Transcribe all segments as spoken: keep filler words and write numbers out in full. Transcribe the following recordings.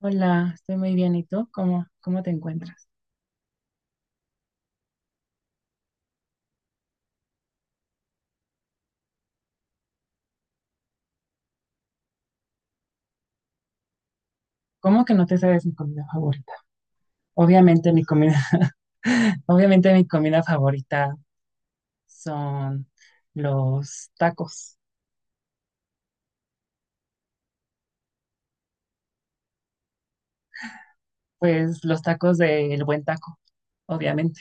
Hola, estoy muy bien. ¿Y tú? ¿Cómo, cómo te encuentras? ¿Cómo que no te sabes mi comida favorita? Obviamente mi comida, obviamente mi comida favorita son los tacos. Pues los tacos del buen taco, obviamente.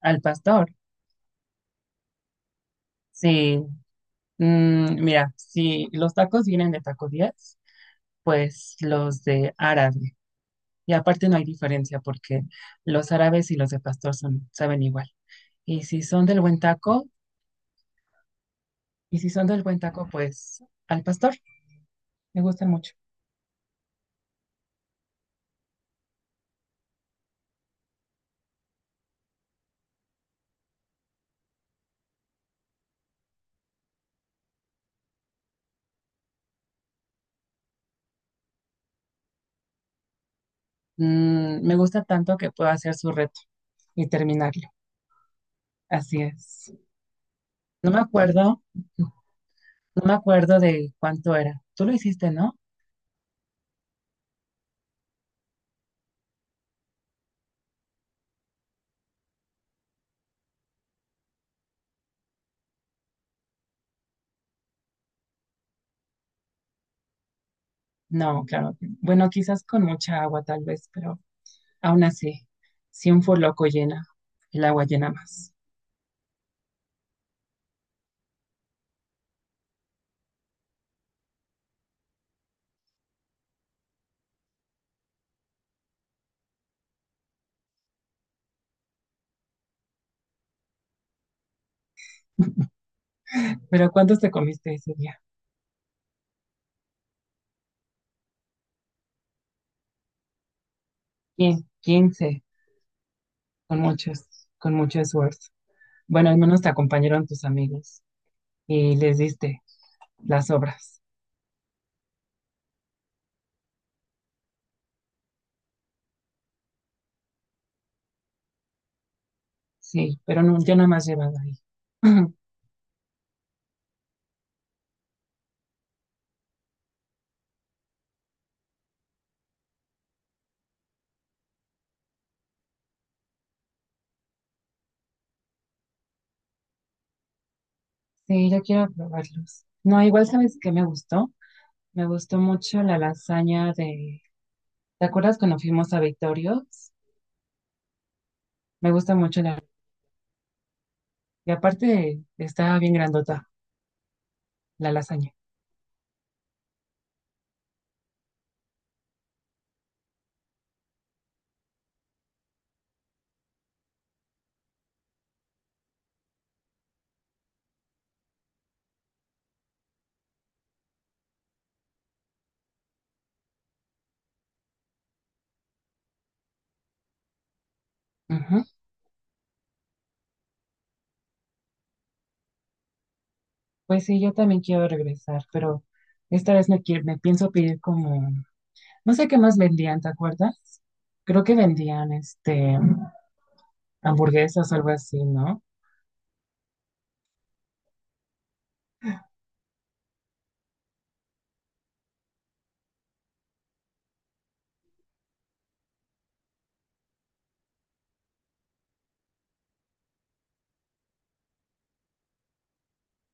Al pastor. Sí, mm, mira, si los tacos vienen de Taco diez, pues los de árabe. Y aparte no hay diferencia porque los árabes y los de pastor son, saben igual. Y si son del buen taco, Y si son del buen taco, pues al pastor. Me gustan mucho. Mm, me gusta tanto que puedo hacer su reto y terminarlo. Así es. No me acuerdo, no me acuerdo de cuánto era. Tú lo hiciste, ¿no? No, claro. Que- no. Bueno, quizás con mucha agua tal vez, pero aún así, si un loco llena, el agua llena más. Pero ¿cuántos te comiste ese día? Quin- quince, con muchos, con mucho esfuerzo. Bueno, al menos te acompañaron tus amigos y les diste las obras. Sí, pero no, yo no me has llevado ahí. Sí, yo quiero probarlos. No, igual sabes que me gustó. Me gustó mucho la lasaña de... ¿Te acuerdas cuando fuimos a Victorios? Me gusta mucho la... Y aparte está bien grandota la lasaña. Ujú. Pues sí, yo también quiero regresar, pero esta vez me, quie- me pienso pedir como... No sé qué más vendían, ¿te acuerdas? Creo que vendían este hamburguesas o algo así, ¿no?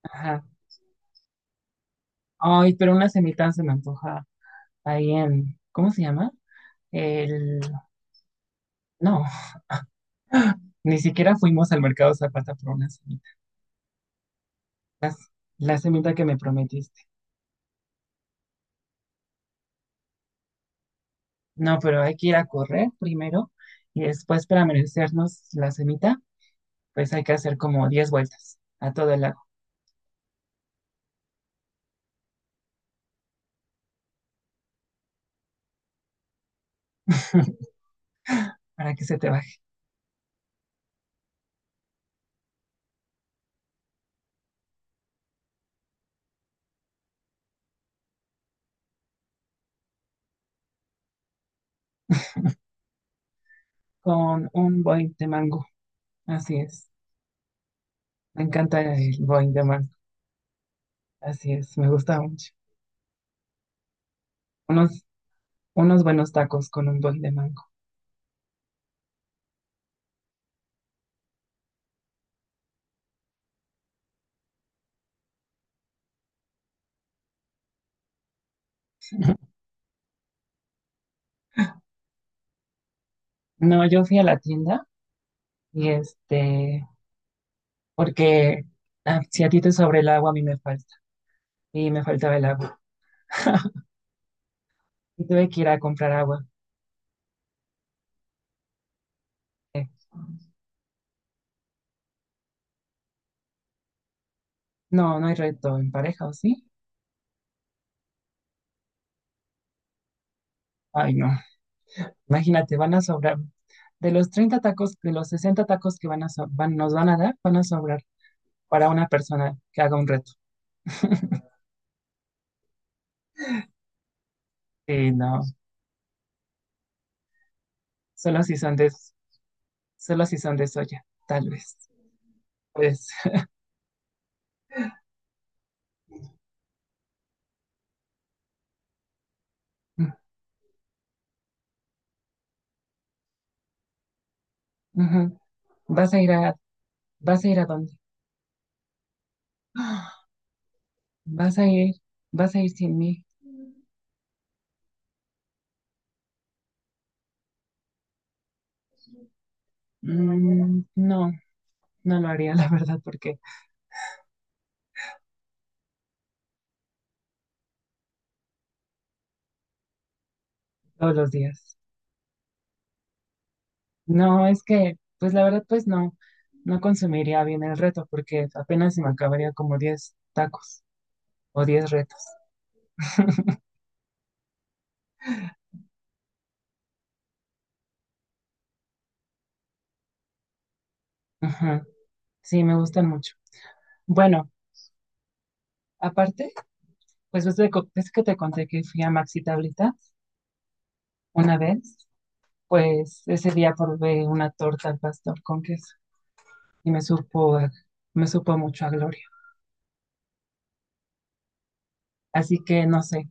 Ajá. Ay, pero una semita se me antoja ahí en, ¿cómo se llama? El, no, ni siquiera fuimos al mercado Zapata por una semita, las- la semita que me prometiste. No, pero hay que ir a correr primero y después para merecernos la semita, pues hay que hacer como diez vueltas a todo el lago. Para que se te baje con un boing de mango. Así es, me encanta el boing de mango. Así es, me gusta mucho. Unos, Unos buenos tacos con un boing de mango. No, yo fui a la tienda y este, porque ah, si a ti te sobra el agua, a mí me falta, y me faltaba el agua. Y tuve que ir a comprar agua. Eh, No, no hay reto en pareja, ¿o sí? Ay, no. Imagínate, van a sobrar. De los treinta tacos, de los sesenta tacos que van a so- van, nos van a dar, van a sobrar para una persona que haga un reto. Sí, no. Solo si son de, Solo si son de soya, tal vez. Pues, mm, ujú. Vas a ir a, ¿Vas a ir a dónde? Vas a ir, Vas a ir sin mí. Mm, no, no lo haría, la verdad, porque todos los días. No, es que, pues la verdad, pues no, no consumiría bien el reto, porque apenas se me acabaría como diez tacos o diez retos. Ajá, sí, me gustan mucho. Bueno, aparte, pues ves, de co- ves que te conté que fui a Maxi Tablita una vez, pues ese día probé una torta al pastor con queso y me supo, a- me supo mucho a gloria. Así que no sé,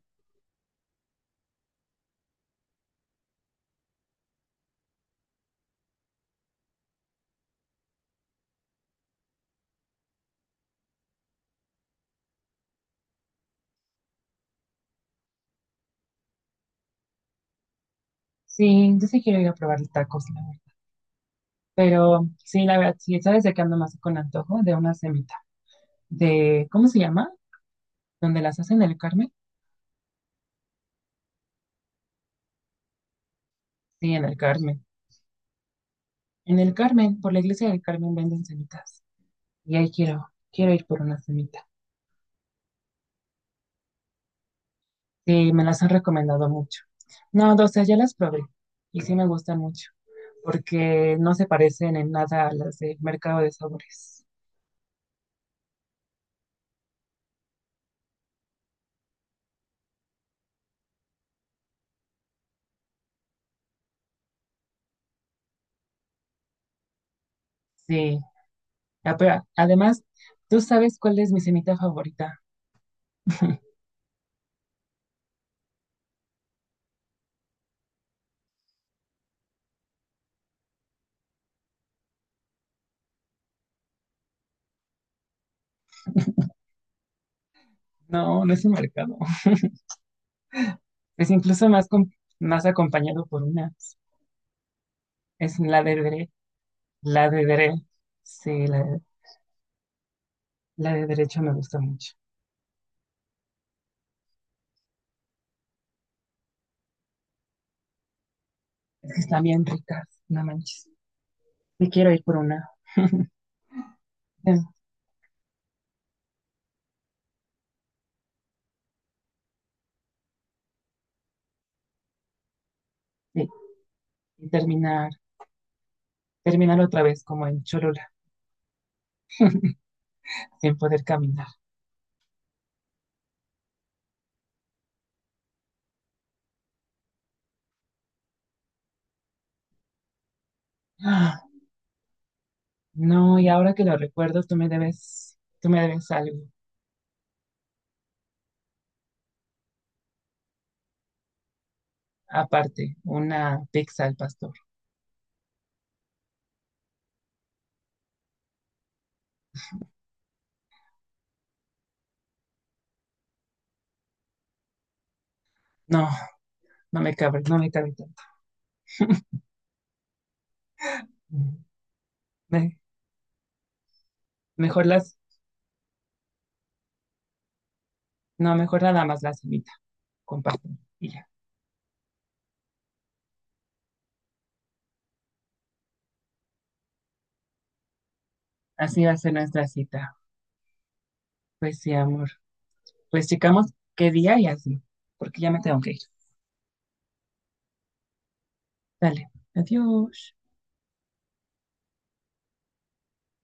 sí, yo sí quiero ir a probar tacos, la verdad. Pero sí, la verdad, sí, ¿sabes de qué ando más con antojo? De una semita. De, ¿cómo se llama? ¿Donde las hacen en el Carmen? Sí, en el Carmen. En el Carmen, por la iglesia del Carmen venden semitas. Y ahí quiero, quiero ir por una semita. Sí, me las han recomendado mucho. No, o sea, ya las probé. Y sí me gustan mucho. Porque no se parecen en nada a las de mercado de sabores. Sí. Ah, pero además, ¿tú sabes cuál es mi semita favorita? No, no es un mercado. Es incluso más, com- Más acompañado por una. Es la de dere, La de dere. Sí, la de, la de derecho me gusta mucho. Es que están bien ricas, no manches. Me quiero ir por una. Sí, sí. y terminar, Terminar otra vez como en Cholula, sin poder caminar. Ah, no, y ahora que lo recuerdo, tú me debes, tú me debes algo. Aparte, una pizza al pastor. No, no me cabe, no me cabe tanto. Me- mejor las, no, mejor nada más la semita con pastor y ya. Así va a ser nuestra cita. Pues sí, amor. Pues checamos qué día y así, porque ya me tengo que ir. Dale, adiós.